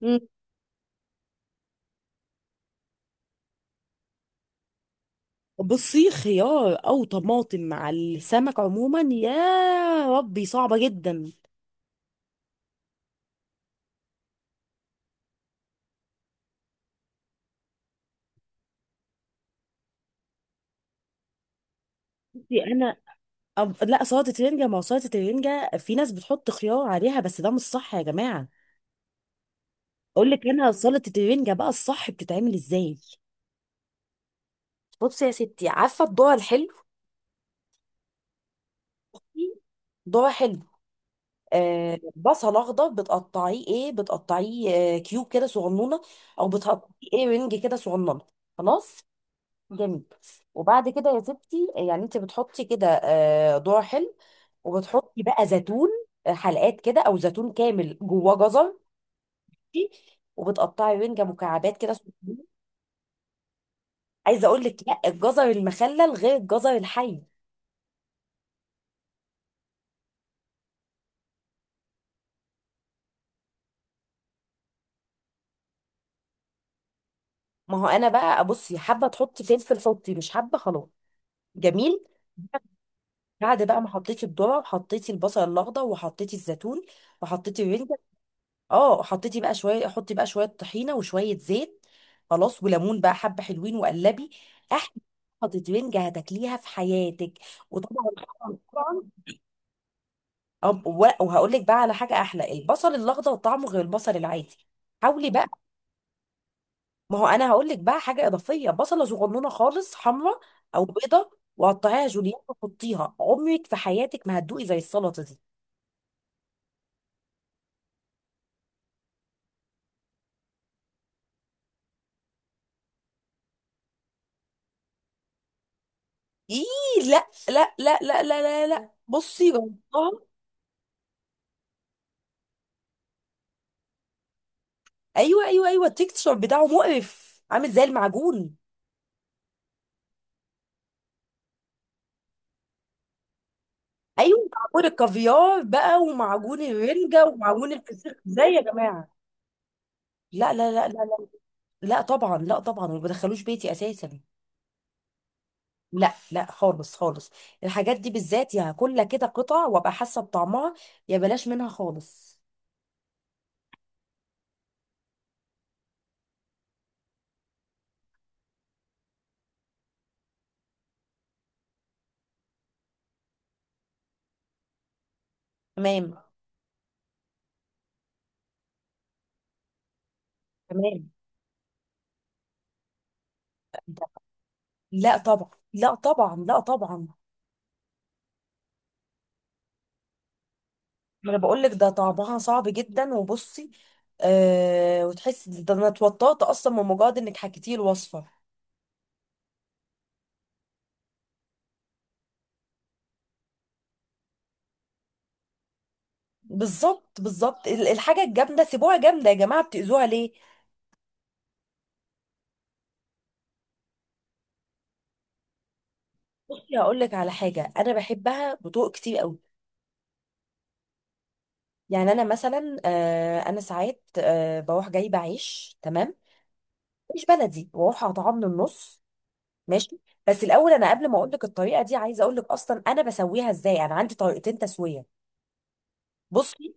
مم. بصي، خيار او طماطم مع السمك عموما، يا ربي صعبه جدا. بصي انا، لا، سلطه رنجه. ما هو سلطه الرنجه في ناس بتحط خيار عليها، بس ده مش صح يا جماعه. اقول لك انا سلطه الرنجه بقى الصح بتتعمل ازاي. بصي يا ستي، عارفه الذره الحلو؟ ذره حلو، آه، بصل اخضر بتقطعيه ايه، بتقطعيه آه كيوب كده صغنونه، او بتقطعيه ايه رنج كده صغنونه. خلاص، جميل. وبعد كده يا ستي، يعني انت بتحطي كده آه، ذرة حلو، وبتحطي بقى زيتون، آه، حلقات كده او زيتون كامل، جواه جزر. وبتقطعي رنجة مكعبات كده صغيرة. عايزه اقول لك، لا، الجزر المخلل غير الجزر الحي. ما هو انا بقى، بصي، حابه تحطي فلفل حطي، مش حابه خلاص. جميل. بعد بقى ما حطيتي الذره، وحطيتي البصل الاخضر، وحطيتي الزيتون، وحطيتي الرنجة، اه، حطيتي بقى شويه، حطي بقى شويه طحينه وشويه زيت. خلاص، وليمون بقى حبه حلوين، وقلبي. احلى. خطوتين هتاكليها في حياتك. وطبعا، طبعا. وهقول لك بقى على حاجه احلى، البصل الاخضر طعمه غير البصل العادي. حاولي بقى، ما هو انا هقول لك بقى حاجه اضافيه، بصله صغنونه خالص حمراء او بيضه، وقطعيها جوليان وحطيها، عمرك في حياتك ما هتدوقي زي السلطه دي. ايه، لا. بصي جربتها. ايوه ايوه، التكتشر بتاعه مقرف، عامل زي المعجون. ايوه، معجون الكافيار بقى، ومعجون الرنجه، ومعجون الفسيخ، ازاي يا جماعه؟ لا. لا طبعا، لا طبعا، ما بدخلوش بيتي اساسا. لا لا، خالص خالص. الحاجات دي بالذات، يا هاكلها كده قطع وابقى حاسه بطعمها، يا بلاش منها خالص. تمام، تمام. لا طبعا، لا طبعا، لا طبعا. ما انا بقول لك ده طعمها صعب جدا. وبصي آه، وتحسي ده، انا اتوترت اصلا من مجرد انك حكيتي الوصفه. بالظبط، بالظبط، الحاجه الجامده سيبوها جامده يا جماعه، بتاذوها ليه؟ بصي هقول لك على حاجه انا بحبها بطرق كتير قوي. يعني انا مثلا آه، انا ساعات آه، بروح جايبه عيش. تمام، مش بلدي، واروح اقطعه من النص. ماشي. بس الاول، انا قبل ما اقول لك الطريقه دي، عايزه اقول لك اصلا انا بسويها ازاي. انا عندي طريقتين تسويه. بصي.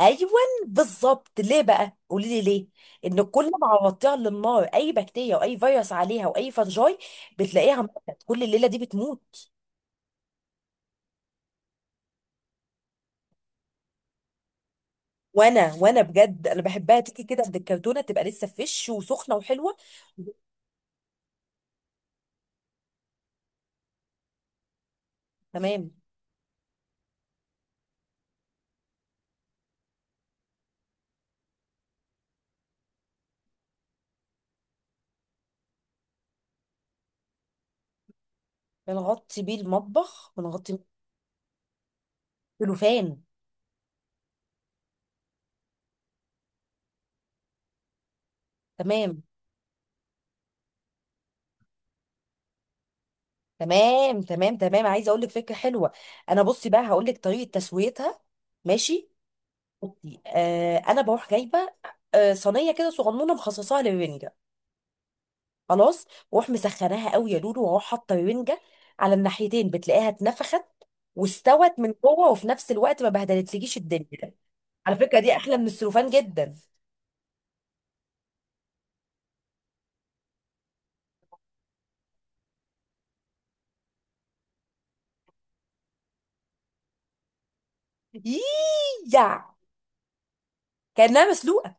ايوه، بالظبط. ليه بقى؟ قولي لي ليه. ان كل ما عوضتيها على النار، اي بكتيريا واي فيروس عليها واي فنجاي، بتلاقيها ماتت، كل الليله دي بتموت. وانا بجد انا بحبها تيجي كده من الكرتونه، تبقى لسه فريش وسخنه وحلوه. تمام. بنغطي بيه المطبخ، بنغطي بيه. السلوفان. تمام، تمام. عايزه اقول لك فكره حلوه. انا بصي بقى هقول لك طريقه تسويتها. ماشي. بصي آه، انا بروح جايبه آه صينيه كده صغنونه، مخصصاها للرنجه. خلاص. واروح مسخناها قوي يا لولو، واروح حاطه رنجه على الناحيتين، بتلاقيها اتنفخت واستوت من جوه، وفي نفس الوقت ما بهدلتلكيش الدنيا. على فكره دي احلى من السلوفان جدا. ييييع، كانها مسلوقه.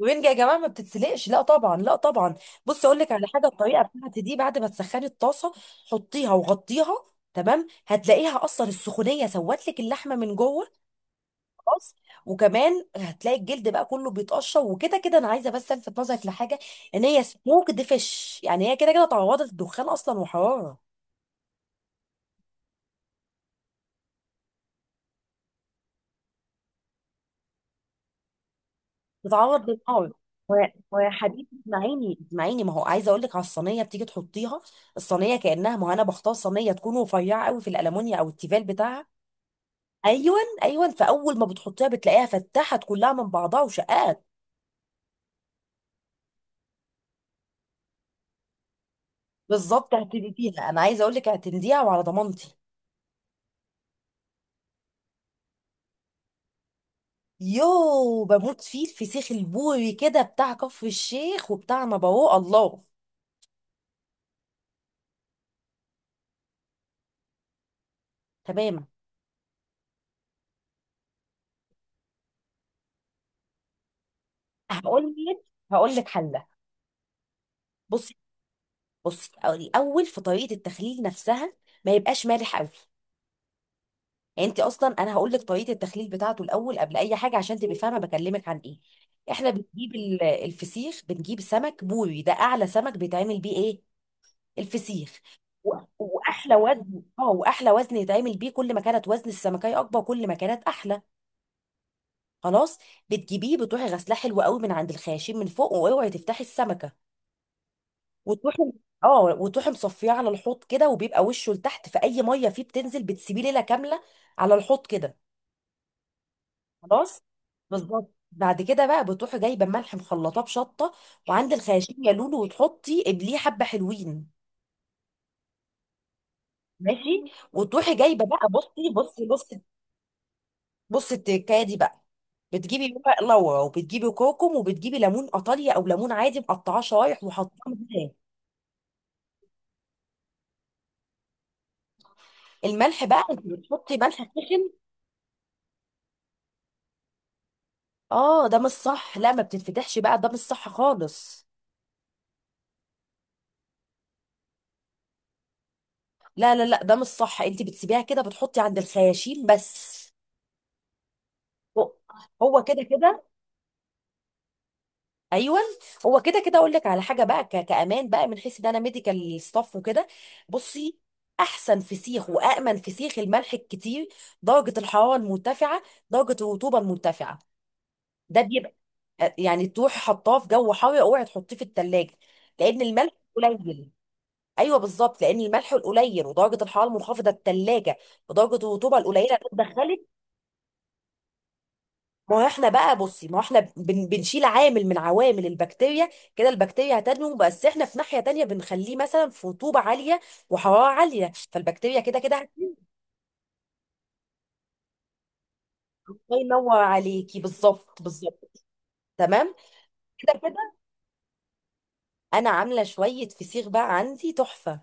الرنجه يا جماعه ما بتتسلقش، لا طبعا، لا طبعا. بص، اقول لك على حاجه. الطريقه بتاعتي دي، بعد ما تسخني الطاسه، حطيها وغطيها. تمام، هتلاقيها اصلا السخونيه سوت لك اللحمه من جوه. خلاص. وكمان هتلاقي الجلد بقى كله بيتقشر، وكده كده انا عايزه بس الفت نظرك لحاجه. ان هي سموكد فيش، يعني هي كده كده تعرضت للدخان اصلا وحراره. تتعرض للنار. ويا حبيبي، اسمعيني، ما هو عايزه اقول لك على الصينيه، بتيجي تحطيها الصينيه كانها، ما هو انا بختار صينيه تكون رفيعه قوي، في الالمونيا او التيفال بتاعها. ايون، فاول ما بتحطيها بتلاقيها فتحت كلها من بعضها وشقات. بالظبط، اعتمديها، انا عايزه اقول لك اعتمديها، وعلى ضمانتي. يو، بموت فيه الفسيخ البوري كده، بتاع كفر الشيخ وبتاع نبوه الله. تمام. هقول لك هقول لك حله. بصي، بصي الاول، في طريقه التخليل نفسها ما يبقاش مالح قوي. يعني انت اصلا، انا هقول لك طريقه التخليل بتاعته الاول قبل اي حاجه، عشان تبقي فاهمه بكلمك عن ايه. احنا بنجيب الفسيخ، بنجيب سمك بوري، ده اعلى سمك بيتعمل بيه ايه؟ الفسيخ. واحلى وزن، اه، واحلى وزن يتعمل بيه، كل ما كانت وزن السمكه اكبر كل ما كانت احلى. خلاص. بتجيبيه، بتروحي غسلاه حلو قوي من عند الخياشيم من فوق، واوعي تفتحي السمكه. وتروحي، اه، وتروحي مصفيه على الحوض كده، وبيبقى وشه لتحت، فاي ميه فيه بتنزل، بتسيبيه ليله كامله على الحوض كده. خلاص. بالظبط. بعد كده بقى، بتروحي جايبه ملح مخلطاه بشطه، وعند الخياشيم يا لولو، وتحطي قبليه حبه حلوين. ماشي. وتروحي جايبه بقى، بصي التكايه دي بقى، بتجيبي ورق لورا، وبتجيبي كركم، وبتجيبي ليمون ايطاليا او ليمون عادي مقطعاه شرايح وحطاه معاه. الملح بقى، انت بتحطي ملح سخن. اه ده مش صح، لا ما بتتفتحش بقى، ده مش صح خالص. لا لا لا، ده مش صح، انت بتسيبيها كده، بتحطي عند الخياشيم بس. هو هو كده كده. ايوه، هو كده كده. اقول لك على حاجه بقى كامان بقى، من حيث ان انا ميديكال ستاف وكده. بصي، احسن فسيخ وامن فسيخ، الملح الكتير، درجه الحراره المرتفعه، درجه الرطوبه المرتفعه. ده بيبقى، يعني تروحي حطاه في جو حار، اوعي تحطيه في التلاجة لان الملح قليل. ايوه بالظبط، لان الملح القليل ودرجه الحراره المنخفضه الثلاجه، ودرجه الرطوبه القليله اللي اتدخلت. ما هو احنا بقى، بصي، ما هو احنا بنشيل عامل من عوامل البكتيريا، كده البكتيريا هتنمو، بس احنا في ناحيه تانية بنخليه مثلا في رطوبه عاليه وحراره عاليه، فالبكتيريا كده كده هتنمو. الله ينور عليكي، بالظبط، بالظبط. تمام. كده كده انا عامله شويه فسيخ بقى عندي تحفه.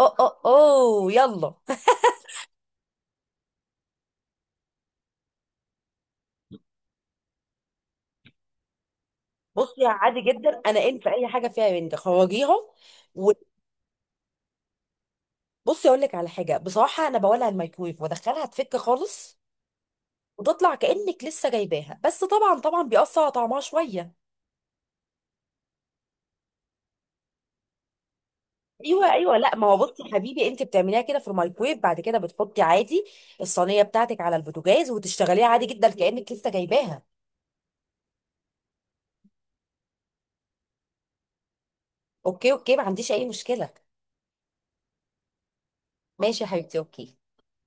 اه، اه، اوه، يلا بصي عادي جدا، انا ان في اي حاجه فيها رنجة خرجيها. و بصي اقول لك على حاجه، بصراحه انا بولع الميكرويف وادخلها تفك خالص، وتطلع كانك لسه جايباها، بس طبعا طبعا بيأثر على طعمها شويه. ايوه، لا ما هو بصي يا حبيبي، انت بتعمليها كده في الميكرويف، بعد كده بتحطي عادي الصينيه بتاعتك على البوتاجاز، وتشتغليها عادي جدا كانك لسه جايباها. اوكي، ما عنديش اي مشكله. ماشي يا حبيبتي، اوكي.